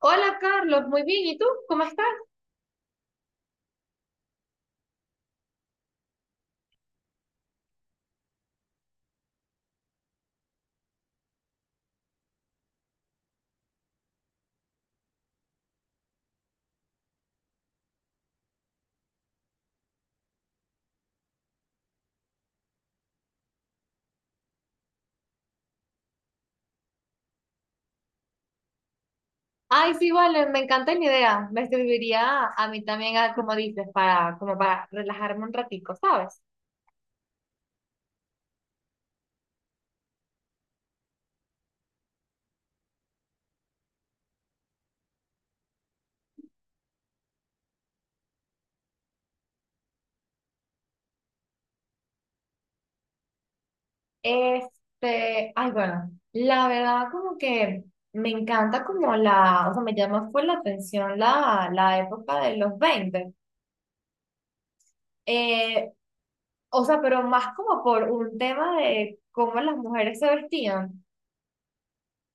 Hola Carlos, muy bien. ¿Y tú? ¿Cómo estás? Ay, sí, vale, me encanta la idea. Me serviría a mí también, a como dices, como para relajarme un ratico, ¿sabes? Este, ay, bueno, la verdad como que me encanta como o sea, me llama fue la atención la época de los 20. Eh, o sea, pero más como por un tema de cómo las mujeres se vestían.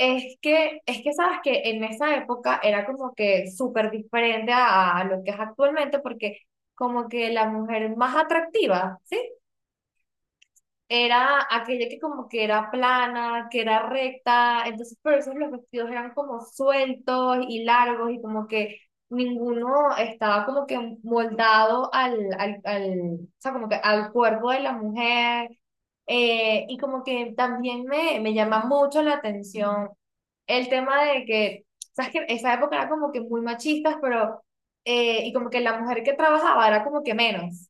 Es que sabes que en esa época era como que súper diferente a lo que es actualmente, porque como que la mujer más atractiva era aquella que como que era plana, que era recta. Entonces, por eso los vestidos eran como sueltos y largos y como que ninguno estaba como que moldado o sea, como que al cuerpo de la mujer. Y como que también me llama mucho la atención el tema de que sabes que esa época era como que muy machistas, pero y como que la mujer que trabajaba era como que menos.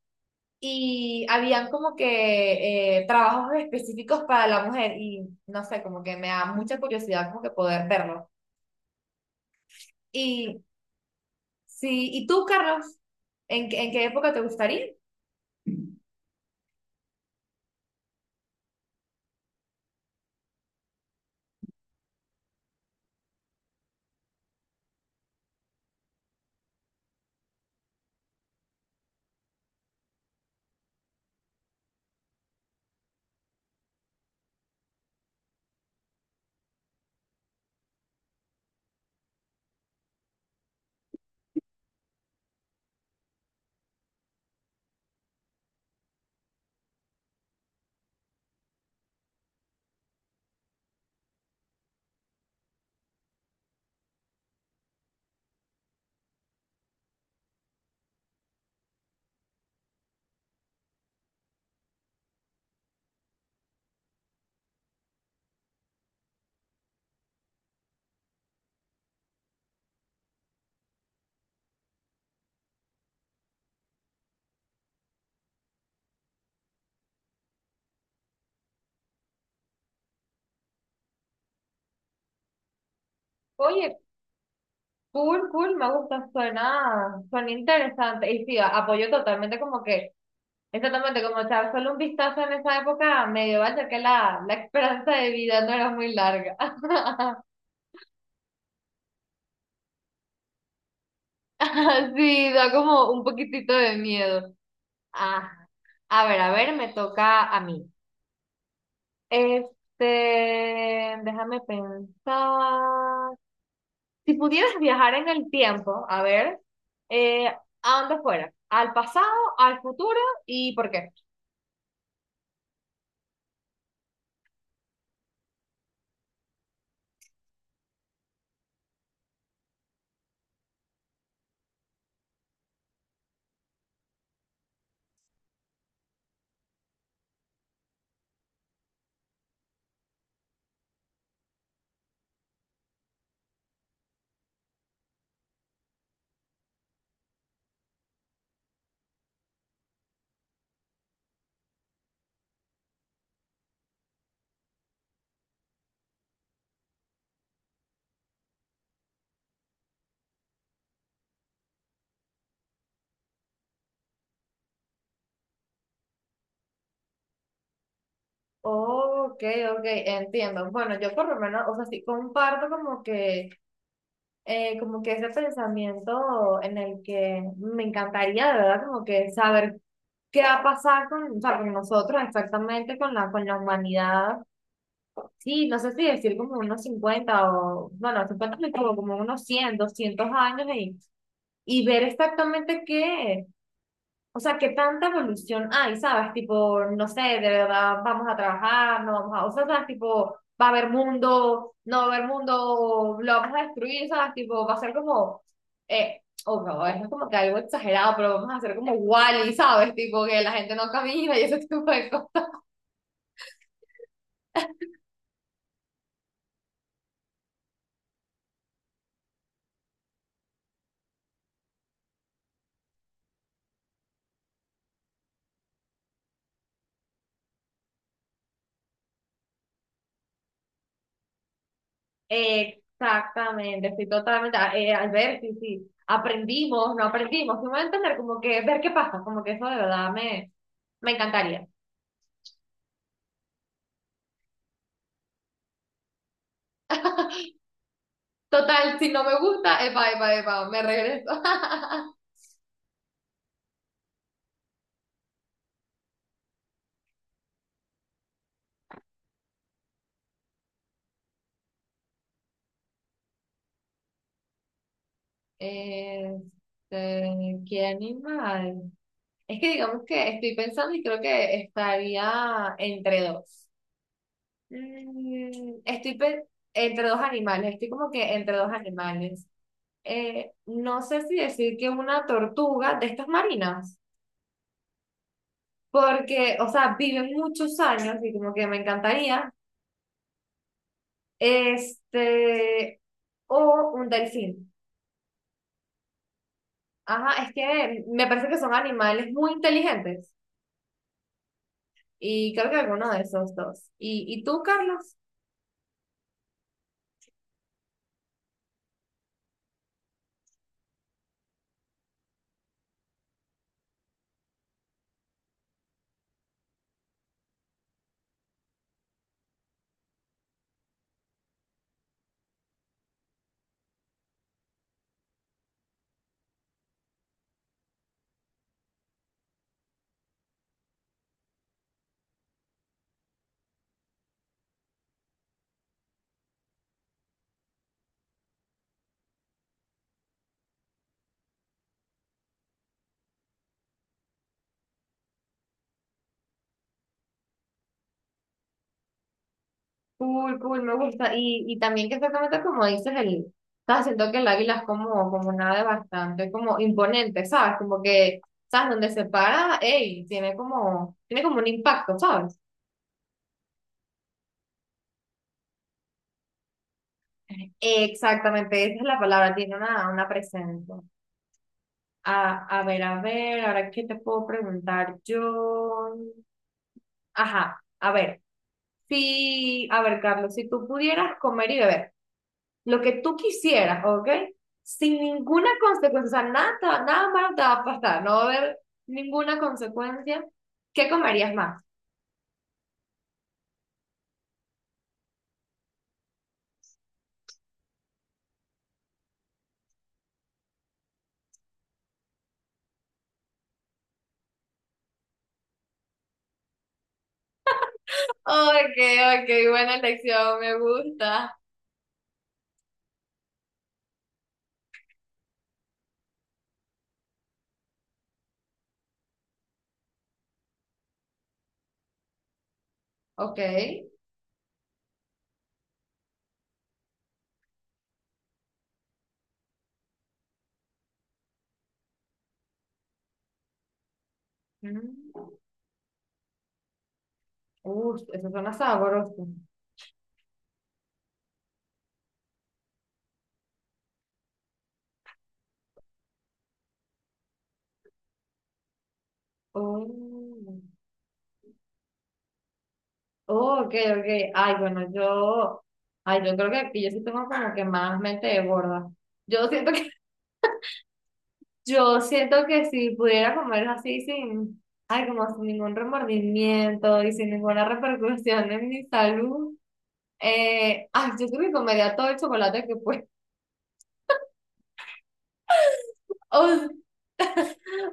Y habían como que trabajos específicos para la mujer y no sé, como que me da mucha curiosidad como que poder verlo. Y sí, ¿y tú, Carlos? ¿En qué época te gustaría? Oye, cool, cool, me gusta, suena, interesante. Y sí, apoyo totalmente como que, exactamente como echar solo un vistazo en esa época medieval, ya que la esperanza de vida no era muy larga. Sí, da como un poquitito de miedo. Ah, a ver, me toca a mí. Este, déjame pensar. Si pudieras viajar en el tiempo, a ver, eh, ¿a dónde fuera? ¿Al pasado, al futuro y por qué? Ok, ok, entiendo. Bueno, yo por lo menos, o sea, sí comparto como que ese pensamiento en el que me encantaría, de verdad, como que saber qué va a pasar con, o sea, con nosotros exactamente, con la humanidad. Sí, no sé si decir como unos 50 o, bueno, 50 me equivoco, como unos 100 200 años, y ver exactamente qué, o sea, qué tanta evolución hay, ¿sabes? Tipo, no sé, de verdad vamos a trabajar, no vamos a, o sea, ¿sabes? Tipo, va a haber mundo, no va a haber mundo, lo vamos a destruir, ¿sabes? Tipo, va a ser como, o no, es como que algo exagerado, pero vamos a hacer como Wall-E, ¿sabes? Tipo, que la gente no camina y ese tipo de cosas. Exactamente, estoy totalmente, al ver, sí, sí, aprendimos, no aprendimos, sí me voy a entender, como que ver qué pasa, como que eso de verdad me encantaría. Total, si no me gusta, epa, epa, epa, me regreso. Este, ¿qué animal? Es que digamos que estoy pensando y creo que estaría entre dos. Estoy entre dos animales, estoy como que entre dos animales. No sé si decir que una tortuga de estas marinas, porque, o sea, viven muchos años y como que me encantaría, este, o un delfín. Ajá, es que me parece que son animales muy inteligentes y creo que alguno de esos dos. ¿Y tú, Carlos? Cool, cool, me gusta. Y también que exactamente como dices, estás siento que el águila es como, como una ave bastante como imponente, ¿sabes? Como que, ¿sabes? Donde se para, ey, tiene como un impacto, ¿sabes? Exactamente, esa es la palabra, tiene una presencia. A ver, a ver, ahora qué te puedo preguntar yo. Ajá, a ver, si, a ver, Carlos, si tú pudieras comer y beber, lo que tú quisieras, ¿ok? Sin ninguna consecuencia, o sea, nada, nada malo te va a pasar, no va a haber ninguna consecuencia. ¿Qué comerías más? Ok, ok, buena elección, me gusta. Ok. Mm. Uf, eso suena sabroso. Oh. Oh, ok, ok. Ay, bueno, ay, yo creo que aquí yo sí tengo como que más mente de gorda. Yo siento Yo siento que si pudiera comer así sin, ay, como sin ningún remordimiento y sin ninguna repercusión en mi salud, ay, yo creo que comería todo el chocolate que pueda. O,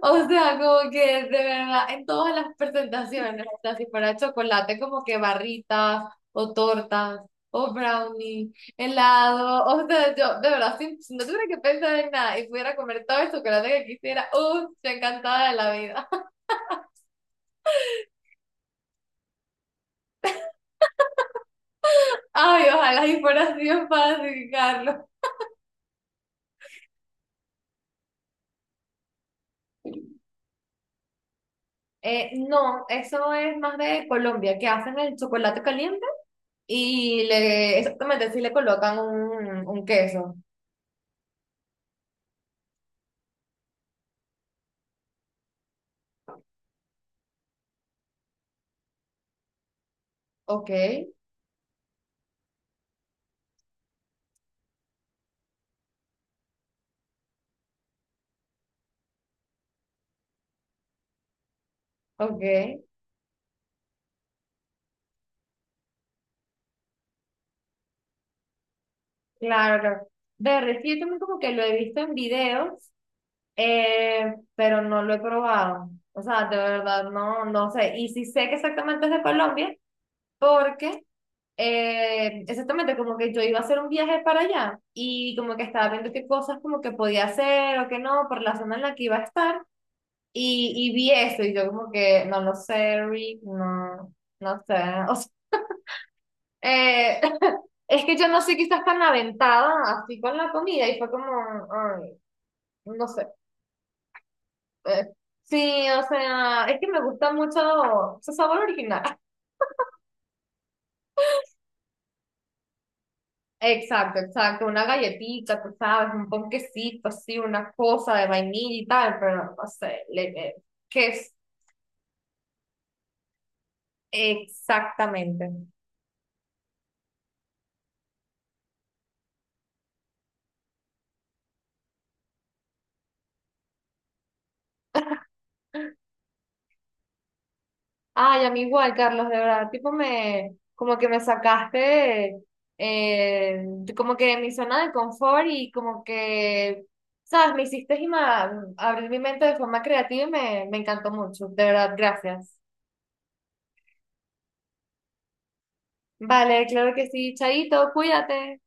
o sea, como que de verdad, en todas las presentaciones, o sea, si fuera chocolate, como que barritas o tortas o brownie, helado, o sea, yo de verdad, si no tuviera que pensar en nada y pudiera comer todo el chocolate que quisiera, yo encantada de la vida. Ay, ojalá y fuera así de fácil, Carlos. No, eso es más de Colombia, que hacen el chocolate caliente y exactamente, sí le colocan un queso. Ok, ok, claro. Claro. De verdad es que yo también como que lo he visto en videos, pero no lo he probado. O sea, de verdad, no, no sé. Y sí sé que exactamente es de Colombia, porque exactamente, como que yo iba a hacer un viaje para allá y como que estaba viendo qué cosas como que podía hacer o qué no por la zona en la que iba a estar, y vi eso y yo como que no lo sé, Rick, no, no sé. O sea, eh, es que yo no soy quizás tan aventada así con la comida y fue como, ay, no sé. eh, sí, o sea, es que me gusta mucho su sabor original. Exacto, exacto, una galletita, tú sabes, un ponquecito así, una cosa de vainilla y tal, pero no sé, ¿qué es exactamente? Ay, a mí igual, Carlos, de verdad, tipo como que me sacaste, eh, como que de mi zona de confort y como que, sabes, me hiciste abrir mi mente de forma creativa y me encantó mucho, de verdad, gracias. Vale, claro que sí, Chaito, cuídate.